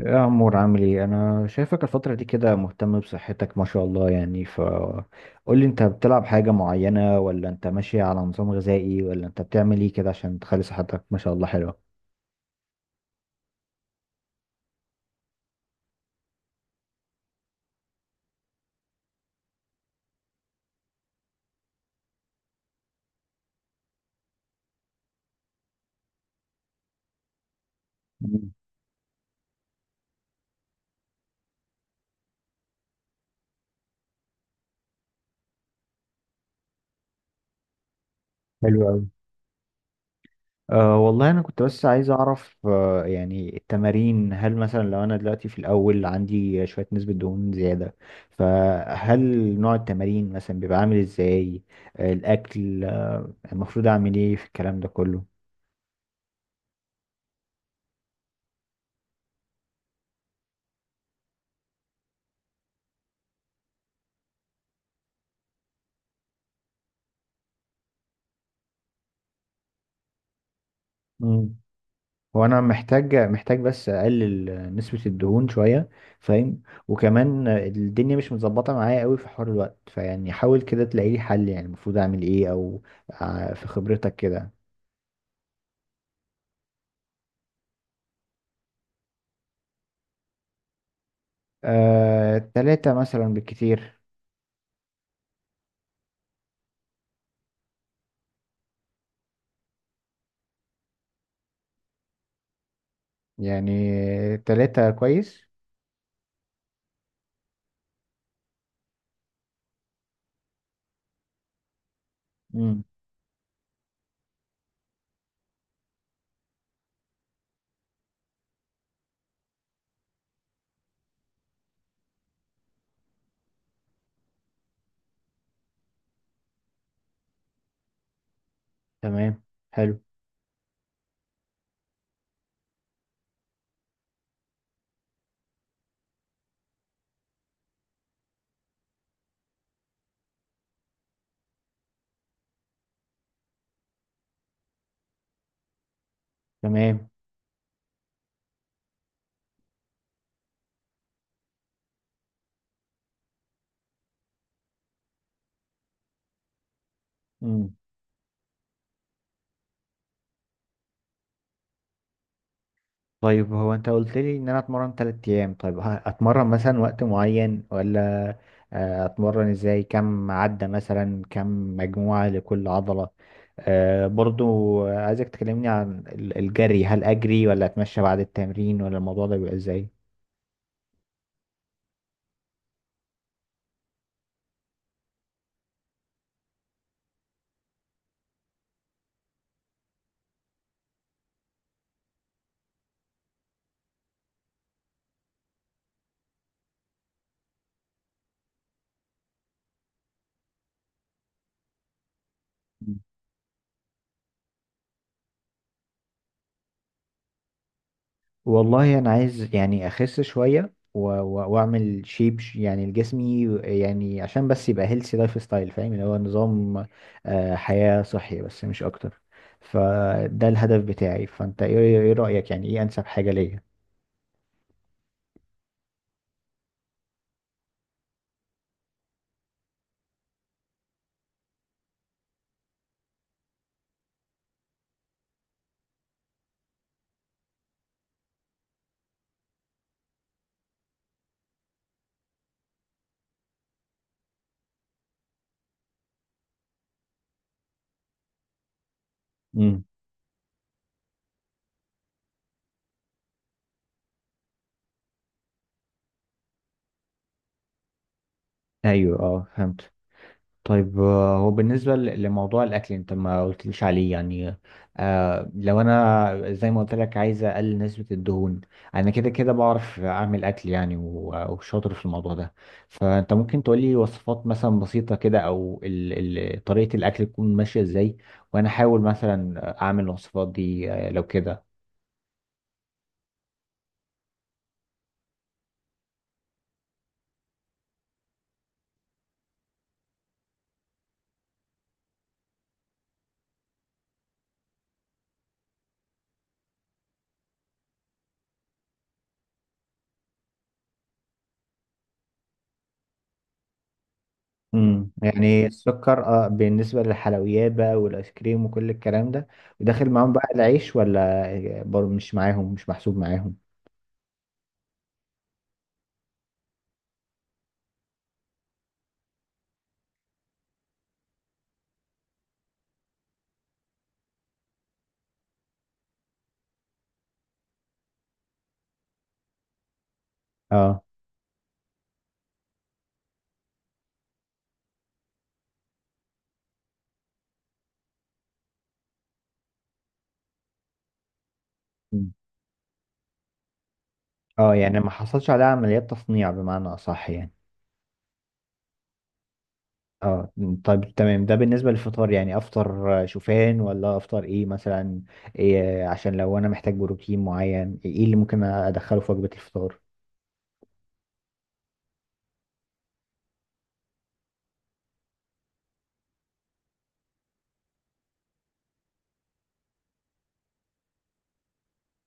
يا عمور عامل ايه؟ انا شايفك الفترة دي كده مهتم بصحتك ما شاء الله، يعني ف قول لي، انت بتلعب حاجة معينة، ولا انت ماشي على نظام غذائي، ولا انت بتعمل ايه كده عشان تخلي صحتك ما شاء الله حلوة؟ مم. حلو أوي. أه والله انا كنت بس عايز اعرف، يعني التمارين هل مثلا لو انا دلوقتي في الاول عندي شوية نسبة دهون زيادة، فهل نوع التمارين مثلا بيبقى عامل ازاي؟ الاكل، المفروض اعمل ايه في الكلام ده كله؟ وانا محتاج بس اقلل نسبة الدهون شوية، فاهم؟ وكمان الدنيا مش متظبطة معايا قوي في حوار الوقت، فيعني حاول كده تلاقي لي حل، يعني المفروض اعمل ايه؟ في خبرتك كده. تلاتة مثلا بالكتير. يعني تلاتة كويس. امم. تمام. حلو. تمام. مم. طيب هو انت قلت لي ان انا اتمرن 3 ايام، طيب اتمرن مثلا وقت معين، ولا اتمرن ازاي؟ كم عدة مثلا؟ كم مجموعة لكل عضلة؟ برضو عايزك تكلمني عن الجري، هل اجري ولا اتمشى بعد التمرين، ولا الموضوع ده بيبقى ازاي؟ والله انا عايز يعني اخس شويه واعمل شيب، يعني لجسمي، يعني عشان بس يبقى هيلثي لايف ستايل، فاهم؟ اللي هو نظام، حياه صحي بس مش اكتر. فده الهدف بتاعي. فانت إيه رايك؟ يعني ايه انسب حاجه ليا؟ امم. ايوه اه فهمت. طيب هو بالنسبة لموضوع الأكل أنت ما قلتليش عليه، يعني لو أنا زي ما قلت لك عايز أقلل نسبة الدهون. أنا كده كده بعرف أعمل أكل، يعني وشاطر في الموضوع ده، فأنت ممكن تقولي وصفات مثلا بسيطة كده، أو ال طريقة الأكل تكون ماشية إزاي، وأنا أحاول مثلا أعمل الوصفات دي لو كده. امم. يعني السكر، اه، بالنسبة للحلويات بقى والايس كريم وكل الكلام ده؟ وداخل معاهم بقى العيش، ولا برضه مش معاهم، مش محسوب معاهم؟ اه. مم. اه، يعني ما حصلش عليها عمليات تصنيع بمعنى اصح يعني. اه. طيب تمام. ده بالنسبة للفطار، يعني افطر شوفان، ولا افطر ايه مثلا؟ إيه عشان لو انا محتاج بروتين معين، ايه اللي ممكن ادخله في وجبة الفطار؟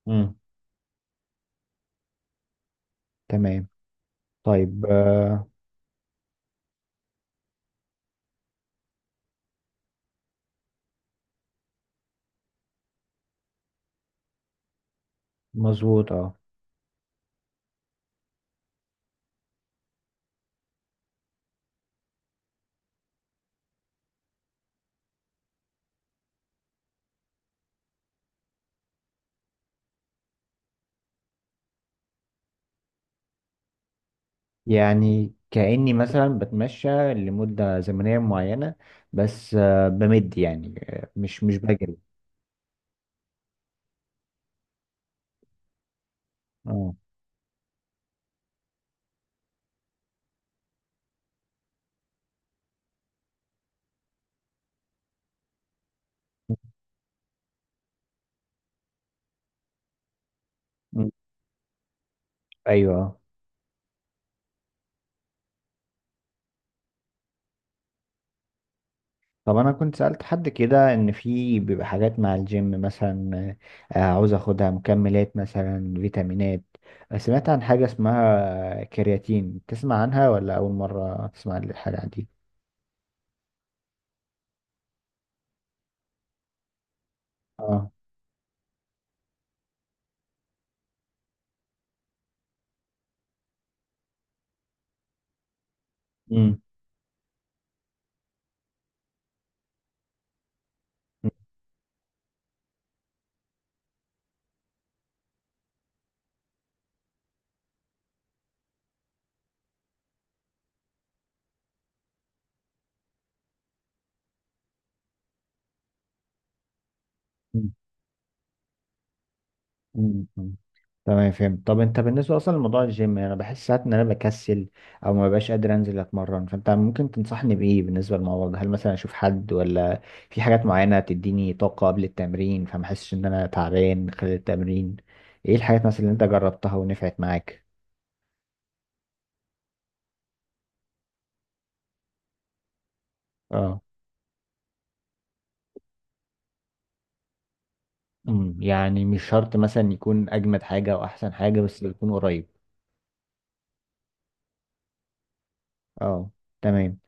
امم. تمام. طيب آه. مظبوط اه. يعني كأني مثلا بتمشى لمدة زمنية معينة، بس بمد يعني، مش بجري. اه. مم. ايوه. طب انا كنت سألت حد كده ان في بيبقى حاجات مع الجيم مثلا، عاوز اخدها مكملات مثلا، فيتامينات. سمعت عن حاجة اسمها كرياتين؟ تسمع عنها، ولا اول مرة تسمع عن الحاجة دي؟ اه. امم. مم. تمام فهمت. طب انت بالنسبه اصلا لموضوع الجيم، انا بحس ساعات ان انا بكسل او ما ببقاش قادر انزل اتمرن، فانت ممكن تنصحني بايه بالنسبه للموضوع ده؟ هل مثلا اشوف حد، ولا في حاجات معينه تديني طاقه قبل التمرين فما احسش ان انا تعبان خلال التمرين؟ ايه الحاجات مثلا اللي انت جربتها ونفعت معاك؟ اه. امم، يعني مش شرط مثلا يكون اجمد حاجه او احسن حاجه، بس يكون قريب. اه. تمام.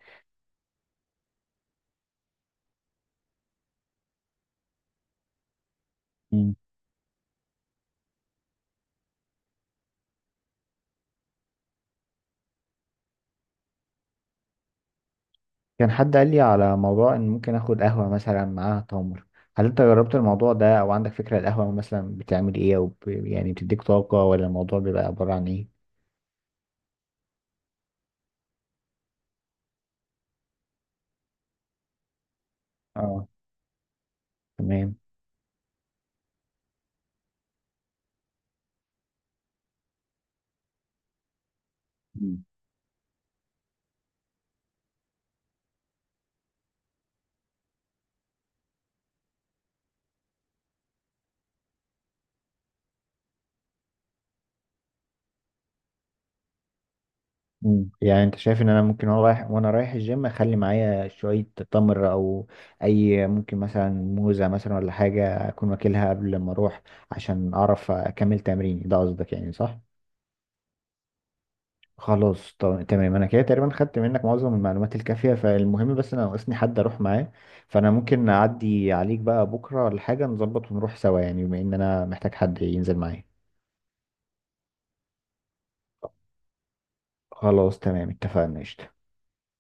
كان حد قال لي على موضوع ان ممكن اخد قهوة مثلا معاها تمر، هل انت جربت الموضوع ده، او عندك فكرة القهوة مثلا بتعمل ايه، او يعني بتديك طاقة، ولا الموضوع بيبقى عبارة عن ايه؟ اه. تمام. مم. مم. يعني انت شايف ان انا ممكن وانا رايح الجيم اخلي معايا شوية تمر، او اي، ممكن مثلا موزة مثلا ولا حاجة اكون واكلها قبل ما اروح، عشان اعرف اكمل تمريني؟ ده قصدك يعني صح؟ خلاص. طب تمام، انا كده تقريبا خدت منك معظم المعلومات الكافيه، فالمهم بس انا ناقصني حد اروح معاه، فانا ممكن اعدي عليك بقى بكره ولا حاجه نظبط ونروح سوا، يعني بما ان انا محتاج حد ينزل معايا. خلاص تمام اتفقنا قشطة.